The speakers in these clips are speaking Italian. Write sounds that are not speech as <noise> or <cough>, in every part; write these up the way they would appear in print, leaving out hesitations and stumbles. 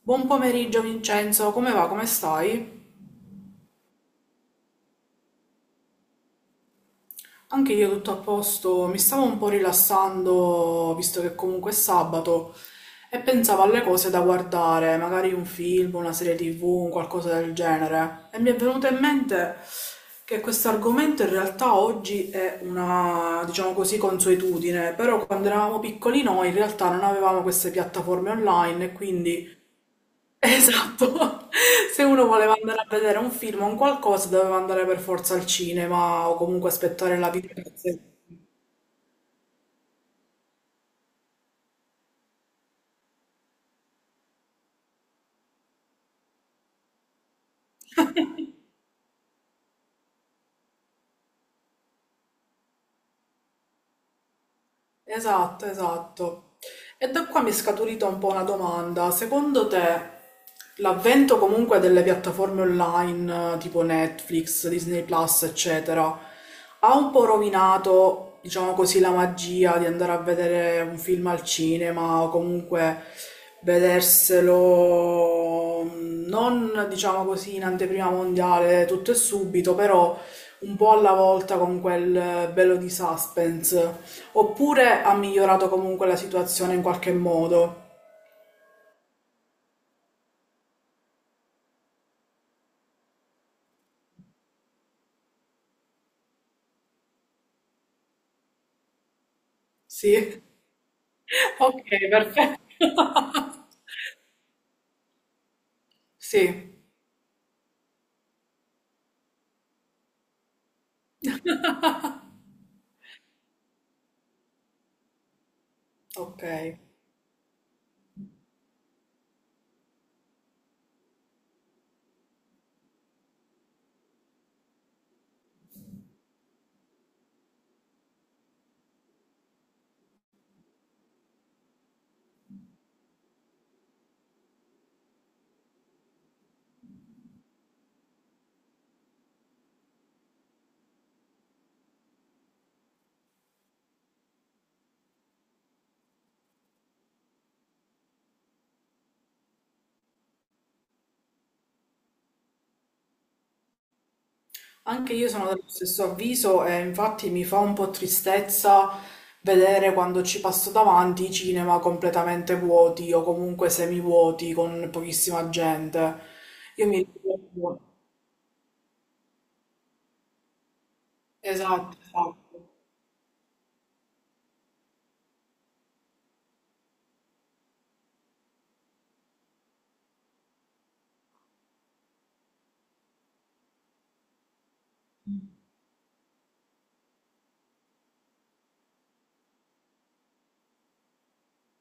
Buon pomeriggio Vincenzo, come va? Come stai? Anche io tutto a posto, mi stavo un po' rilassando visto che comunque è sabato e pensavo alle cose da guardare, magari un film, una serie TV, un qualcosa del genere. E mi è venuto in mente che questo argomento in realtà oggi è una, diciamo così, consuetudine, però quando eravamo piccoli noi in realtà non avevamo queste piattaforme online e quindi esatto, <laughs> se uno voleva andare a vedere un film o un qualcosa doveva andare per forza al cinema o comunque aspettare la videocassetta. Esatto, esatto. E da qua mi è scaturita un po' una domanda. Secondo te l'avvento comunque delle piattaforme online tipo Netflix, Disney Plus, eccetera, ha un po' rovinato, diciamo così, la magia di andare a vedere un film al cinema o comunque vederselo non, diciamo così, in anteprima mondiale tutto e subito, però un po' alla volta con quel bello di suspense. Oppure ha migliorato comunque la situazione in qualche modo? Sì? <laughs> Ok, perfetto. <laughs> Sì. <laughs> Ok. Anche io sono dello stesso avviso e infatti mi fa un po' tristezza vedere quando ci passo davanti i cinema completamente vuoti o comunque semivuoti con pochissima gente. Io mi ricordo. Esatto, esatto.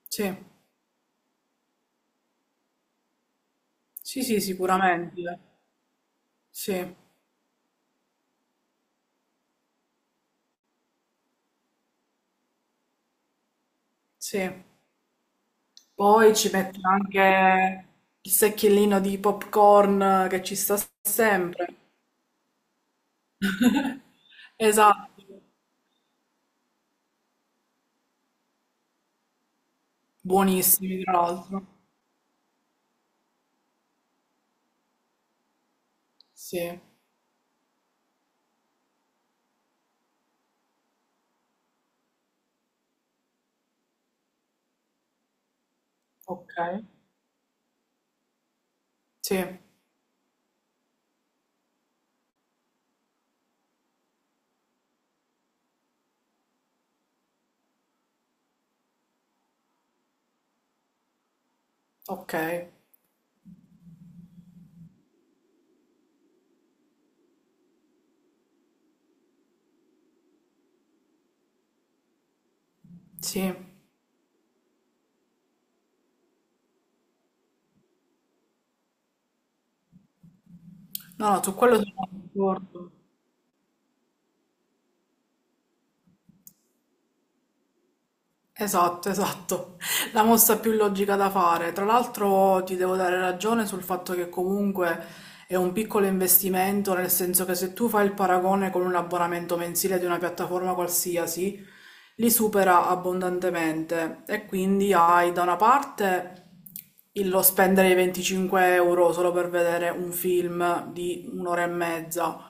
Sì, sì, sì, sicuramente. Sì, sì. Poi ci metto anche il secchiellino di popcorn che ci sta sempre. <laughs> Esatto, buonissimi tra l'altro. Sì, ok. Sì, ok. Sì. No, no, su quello sono d'accordo. Esatto, esatto. <laughs> La mossa più logica da fare. Tra l'altro ti devo dare ragione sul fatto che comunque è un piccolo investimento, nel senso che se tu fai il paragone con un abbonamento mensile di una piattaforma qualsiasi, li supera abbondantemente e quindi hai da una parte lo spendere i 25 euro solo per vedere un film di un'ora e mezza.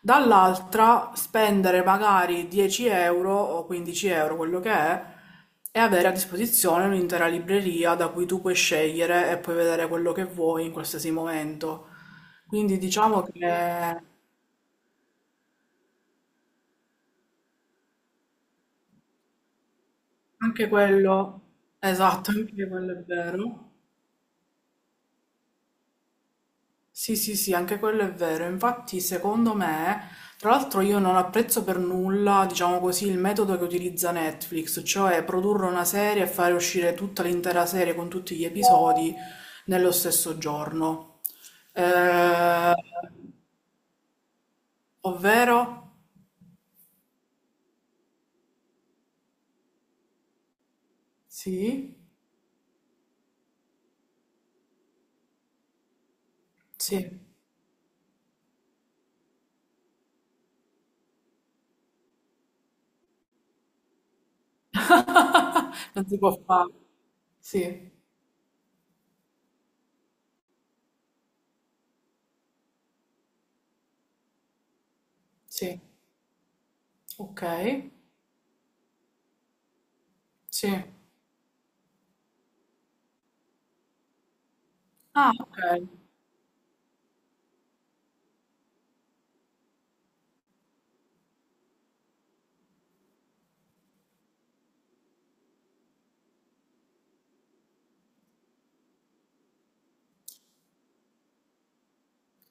Dall'altra spendere magari 10 euro o 15 euro, quello che è, e avere a disposizione un'intera libreria da cui tu puoi scegliere e puoi vedere quello che vuoi in qualsiasi momento. Quindi diciamo che anche quello, esatto, anche quello è vero. Sì, sì, sì, anche quello è vero. Infatti, secondo me, tra l'altro io non apprezzo per nulla, diciamo così, il metodo che utilizza Netflix, cioè produrre una serie e fare uscire tutta l'intera serie con tutti gli episodi nello stesso giorno. Eh, ovvero? Sì, sì. <laughs> Non si può fare. Sì, sì. Ok, sì. Ah, ok.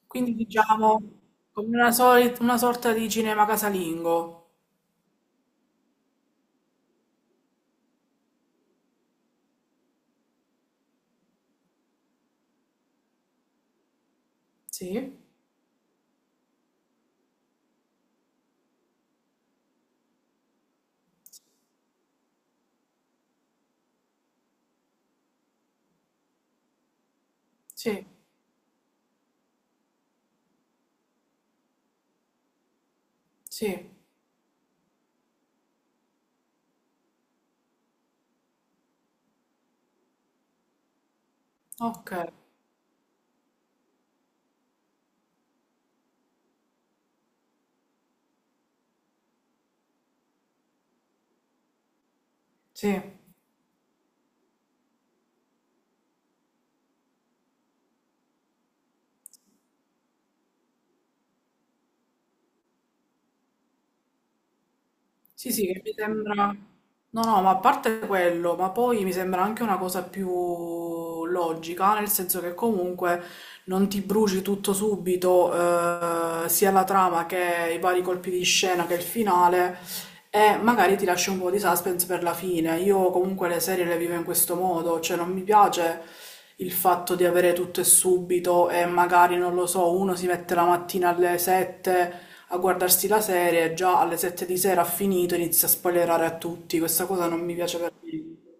Quindi diciamo come una, una sorta di cinema casalingo. Sì, sì, sì, ok, sì, sì, sì, che mi sembra... No, no, ma a parte quello, ma poi mi sembra anche una cosa più logica, nel senso che comunque non ti bruci tutto subito, sia la trama che i vari colpi di scena che il finale. E magari ti lascia un po' di suspense per la fine. Io comunque le serie le vivo in questo modo, cioè non mi piace il fatto di avere tutto e subito e magari, non lo so, uno si mette la mattina alle 7 a guardarsi la serie e già alle 7 di sera ha finito, e inizia a spoilerare a tutti. Questa cosa non mi piace per niente.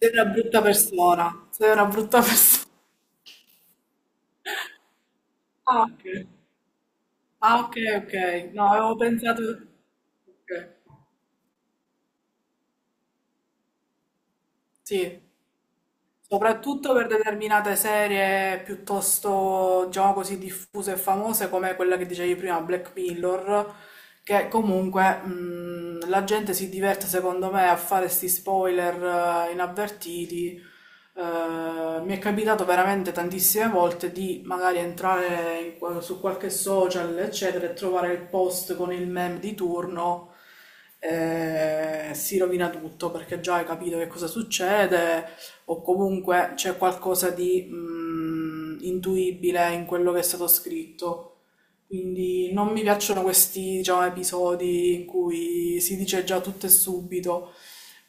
Sei una brutta persona, sei una brutta persona. <laughs> Ah, ok. Ah, ok, ok. No, avevo pensato... Ok. Sì. Soprattutto per determinate serie piuttosto, diciamo così, diffuse e famose come quella che dicevi prima, Black Mirror, che comunque la gente si diverte secondo me a fare sti spoiler inavvertiti. Mi è capitato veramente tantissime volte di magari entrare in su qualche social, eccetera, e trovare il post con il meme di turno, si rovina tutto perché già hai capito che cosa succede, o comunque c'è qualcosa di intuibile in quello che è stato scritto. Quindi non mi piacciono questi, diciamo, episodi in cui si dice già tutto e subito.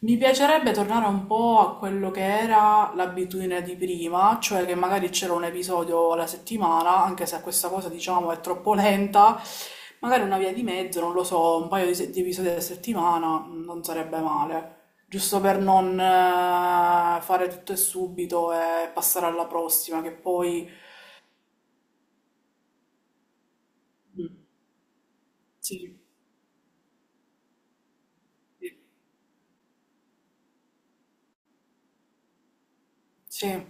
Mi piacerebbe tornare un po' a quello che era l'abitudine di prima, cioè che magari c'era un episodio alla settimana, anche se questa cosa, diciamo, è troppo lenta, magari una via di mezzo, non lo so, un paio di, di episodi alla settimana non sarebbe male, giusto per non fare tutto e subito e passare alla prossima, che poi... Mm, sì, sì. Sì.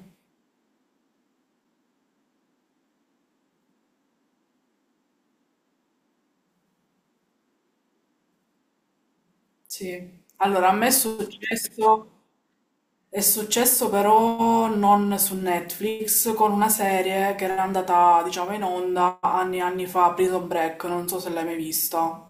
Sì, allora a me è successo però non su Netflix, con una serie che era andata, diciamo, in onda anni e anni fa, Prison Break, non so se l'hai mai vista.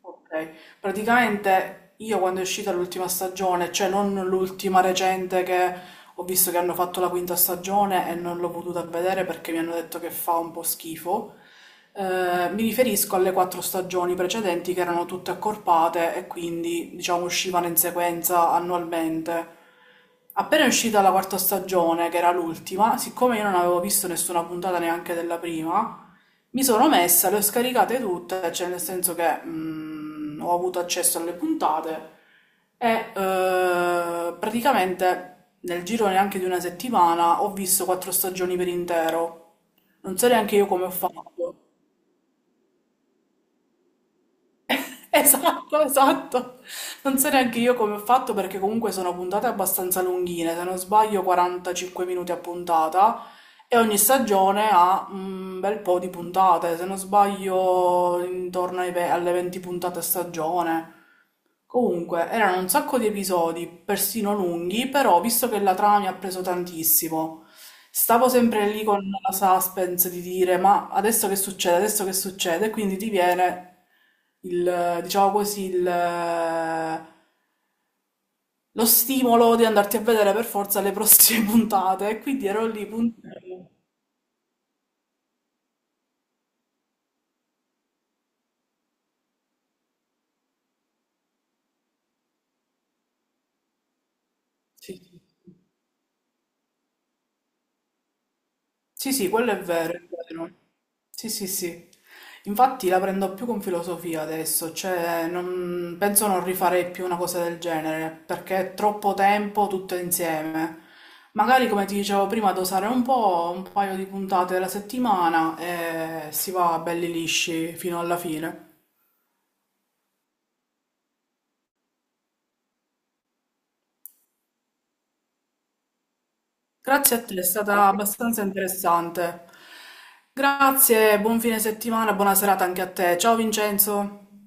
Ok, praticamente io quando è uscita l'ultima stagione, cioè non l'ultima recente che ho visto che hanno fatto la quinta stagione e non l'ho potuta vedere perché mi hanno detto che fa un po' schifo. Mi riferisco alle 4 stagioni precedenti che erano tutte accorpate e quindi, diciamo, uscivano in sequenza annualmente. Appena è uscita la quarta stagione, che era l'ultima, siccome io non avevo visto nessuna puntata neanche della prima, mi sono messa, le ho scaricate tutte, cioè nel senso che ho avuto accesso alle puntate e praticamente nel giro neanche di una settimana ho visto 4 stagioni per intero. Non so neanche io come ho fatto. <laughs> Esatto, esatto. Non so neanche io come ho fatto perché comunque sono puntate abbastanza lunghine, se non sbaglio 45 minuti a puntata e ogni stagione ha un bel po' di puntate, se non sbaglio intorno ai alle 20 puntate a stagione. Comunque, erano un sacco di episodi, persino lunghi, però visto che la trama mi ha preso tantissimo, stavo sempre lì con la suspense di dire ma adesso che succede, e quindi ti viene il, diciamo così, il, lo stimolo di andarti a vedere per forza le prossime <laughs> puntate, e quindi ero lì puntino. Sì, sì. Sì, sì, quello è vero, è vero. Sì, sì, sì. Infatti la prendo più con filosofia adesso, cioè non, penso non rifarei più una cosa del genere, perché è troppo tempo tutto insieme. Magari, come ti dicevo prima, dosare un po', un paio di puntate alla settimana e si va belli lisci fino alla fine. Grazie a te, è stata abbastanza interessante. Grazie, buon fine settimana, buona serata anche a te. Ciao Vincenzo.